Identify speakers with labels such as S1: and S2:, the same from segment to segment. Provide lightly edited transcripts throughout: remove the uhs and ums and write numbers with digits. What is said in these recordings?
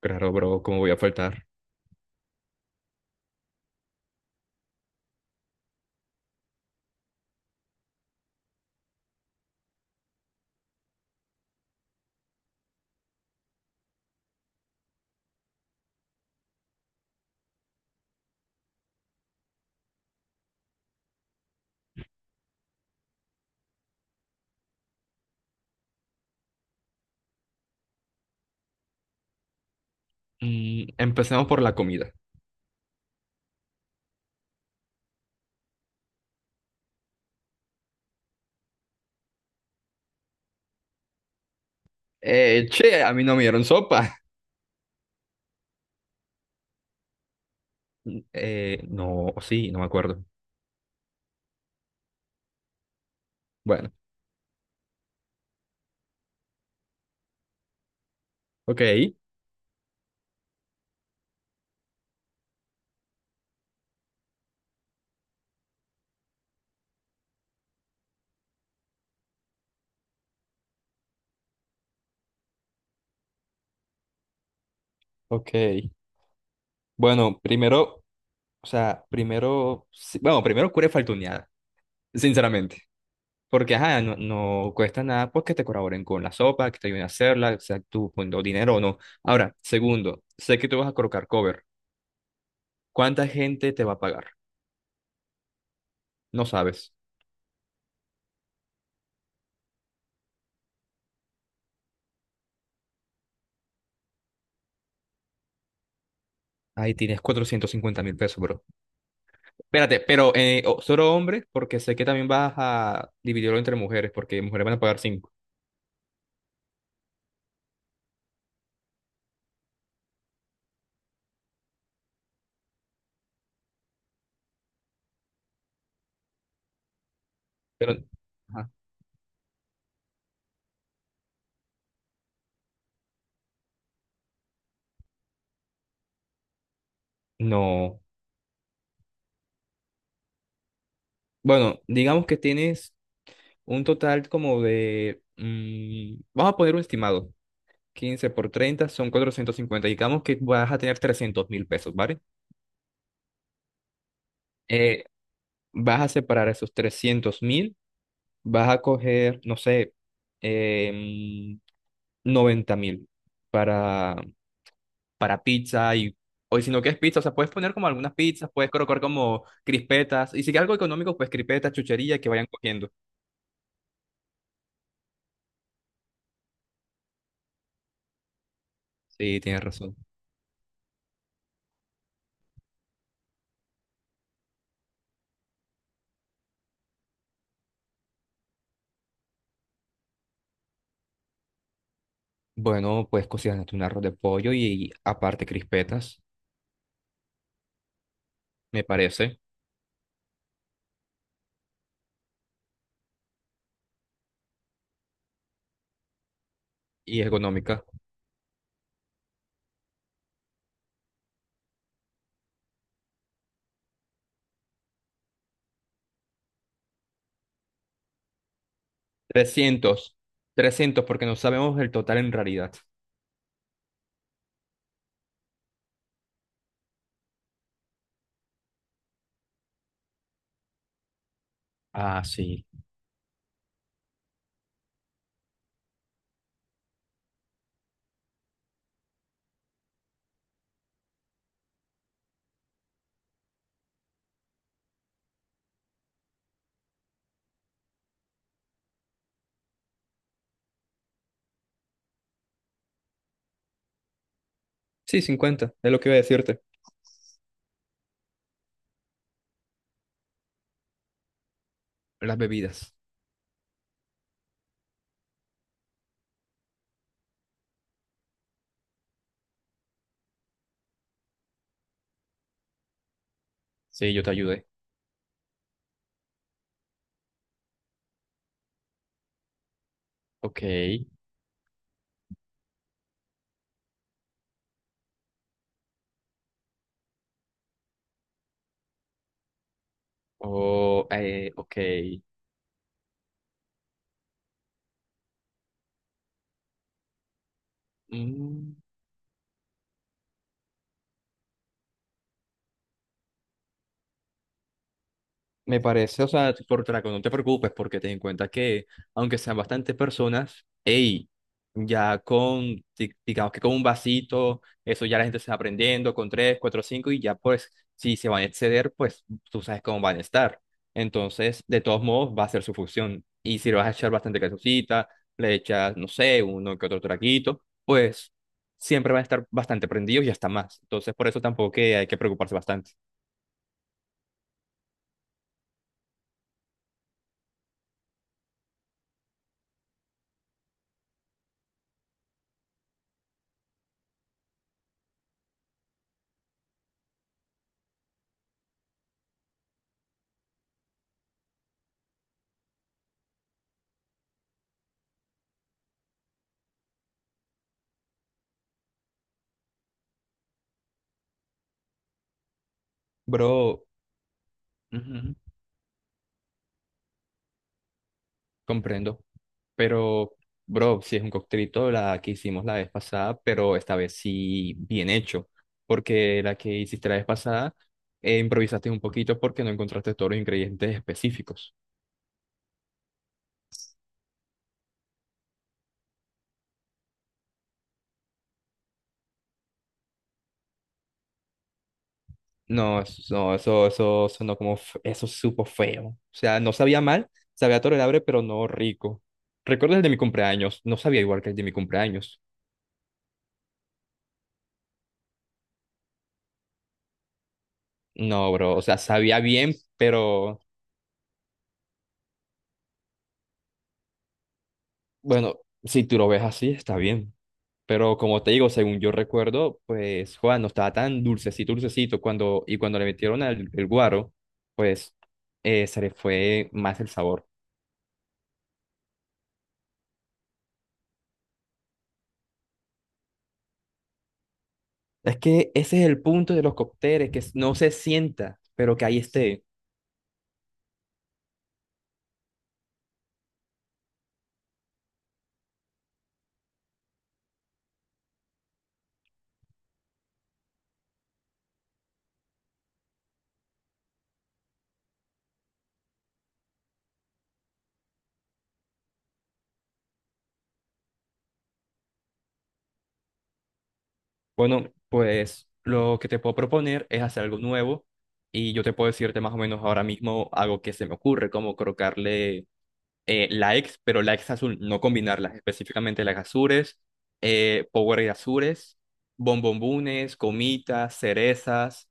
S1: Claro, bro, ¿cómo voy a faltar? Mm, empecemos por la comida. Che, a mí no me dieron sopa. No, sí, no me acuerdo. Bueno, ok, ok. Bueno, primero, o sea, primero, sí, bueno, primero cura faltuneada, sinceramente. Porque, ajá, no, no cuesta nada porque te colaboren con la sopa, que te ayuden a hacerla, o sea, tú poniendo dinero o no. Ahora, segundo, sé que tú vas a colocar cover. ¿Cuánta gente te va a pagar? No sabes. Ahí tienes 450.000 pesos, bro. Espérate, pero solo hombres, porque sé que también vas a dividirlo entre mujeres, porque mujeres van a pagar cinco. Pero ajá, no. Bueno, digamos que tienes un total como de, mm, vamos a poner un estimado. 15 por 30 son 450. Digamos que vas a tener 300.000 pesos, ¿vale? Eh, Vas a separar esos 300.000, vas a coger, no sé, eh, mm, 90.000 para para pizza, y o si no quieres pizza, o sea, puedes poner como algunas pizzas, puedes colocar como crispetas y si quieres algo económico, pues crispetas, chuchería que vayan cogiendo. Sí, tienes razón. Bueno, pues cocinaste un arroz de pollo y aparte crispetas, me parece, y es económica. 300 300 porque no sabemos el total en realidad. Ah, sí. Sí, 50 es lo que iba a decirte. Las bebidas. Sí, yo te ayudé. Ok. Oh, ok. Mm. Me parece, o sea, por traco, no te preocupes porque ten en cuenta que, aunque sean bastantes personas, hey, ya con, digamos que con un vasito, eso ya la gente se va aprendiendo, con tres, cuatro, cinco, y ya pues, si se van a exceder, pues tú sabes cómo van a estar. Entonces, de todos modos, va a ser su fusión. Y si le vas a echar bastante calzoncita, le echas, no sé, uno que otro traguito, pues siempre van a estar bastante prendidos y hasta más. Entonces, por eso tampoco que hay que preocuparse bastante. Bro. Ujú. Comprendo. Pero, bro, si es un coctelito, la que hicimos la vez pasada, pero esta vez sí bien hecho. Porque la que hiciste la vez pasada, improvisaste un poquito porque no encontraste todos los ingredientes específicos. No, eso, no, eso sonó como, eso supo feo. O sea, no sabía mal, sabía tolerable, pero no rico. ¿Recuerdas el de mi cumpleaños? No sabía igual que el de mi cumpleaños. No, bro, o sea, sabía bien, pero bueno, si tú lo ves así, está bien. Pero como te digo, según yo recuerdo, pues Juan no estaba tan dulcecito, dulcecito. Cuando le metieron el guaro, pues se le fue más el sabor. Es que ese es el punto de los cócteles, que no se sienta, pero que ahí esté. Bueno, pues lo que te puedo proponer es hacer algo nuevo. Y yo te puedo decirte más o menos ahora mismo algo que se me ocurre, como colocarle likes, pero likes azul, no combinarlas, específicamente las azures, Power azures, bombombunes, gomitas, cerezas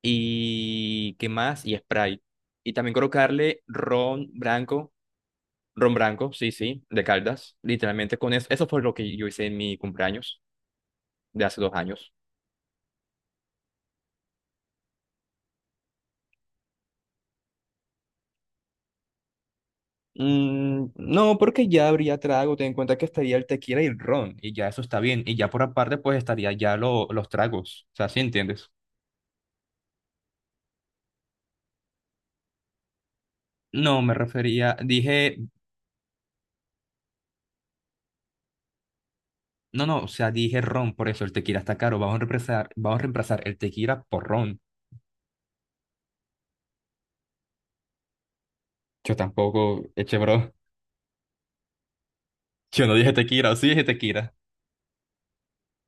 S1: y qué más, y Sprite. Y también colocarle ron blanco, sí, sí, de Caldas, literalmente con eso. Eso fue lo que yo hice en mi cumpleaños de hace 2 años. Mm, no, porque ya habría trago, ten en cuenta que estaría el tequila y el ron, y ya eso está bien, y ya por aparte pues estaría ya los tragos, o sea, ¿sí entiendes? No, me refería, dije, no, no, o sea, dije ron, por eso el tequila está caro. Vamos a reemplazar el tequila por ron. Yo tampoco, eche bro. Yo no dije tequila, o sí dije tequila.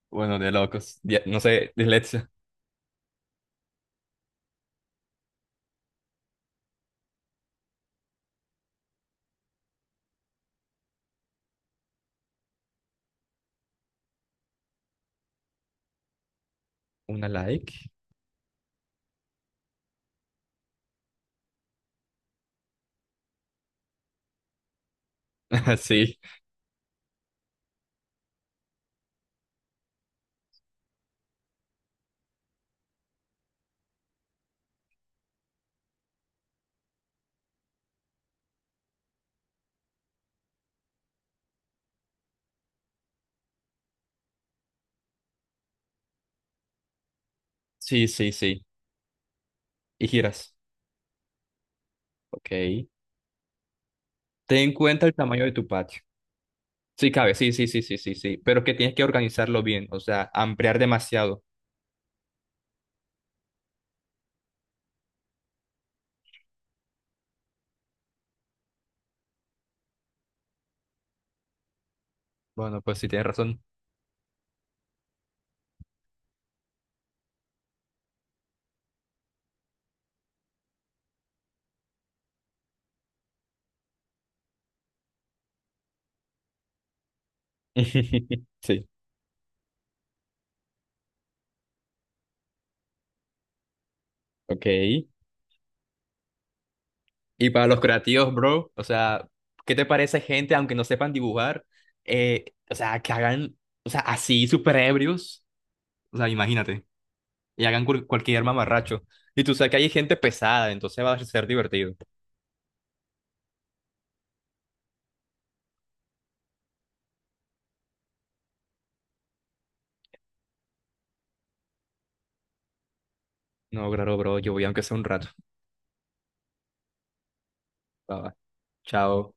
S1: Bueno, de locos. Ya, no sé, dislexia. Una like. Sí, sí, sí, sí. Y giras. Ok. Ten en cuenta el tamaño de tu patio. Sí, cabe, sí, sí, sí, sí, sí, sí. Pero que tienes que organizarlo bien, o sea, ampliar demasiado. Bueno, pues sí, tienes razón. Sí, ok. Y para los creativos, bro, o sea, ¿qué te parece gente, aunque no sepan dibujar, o sea, que hagan, o sea, así súper ebrios, o sea, imagínate, y hagan cualquier mamarracho. Y tú sabes que hay gente pesada, entonces va a ser divertido. No, claro, bro, yo voy aunque sea un rato. Va, va. Chao.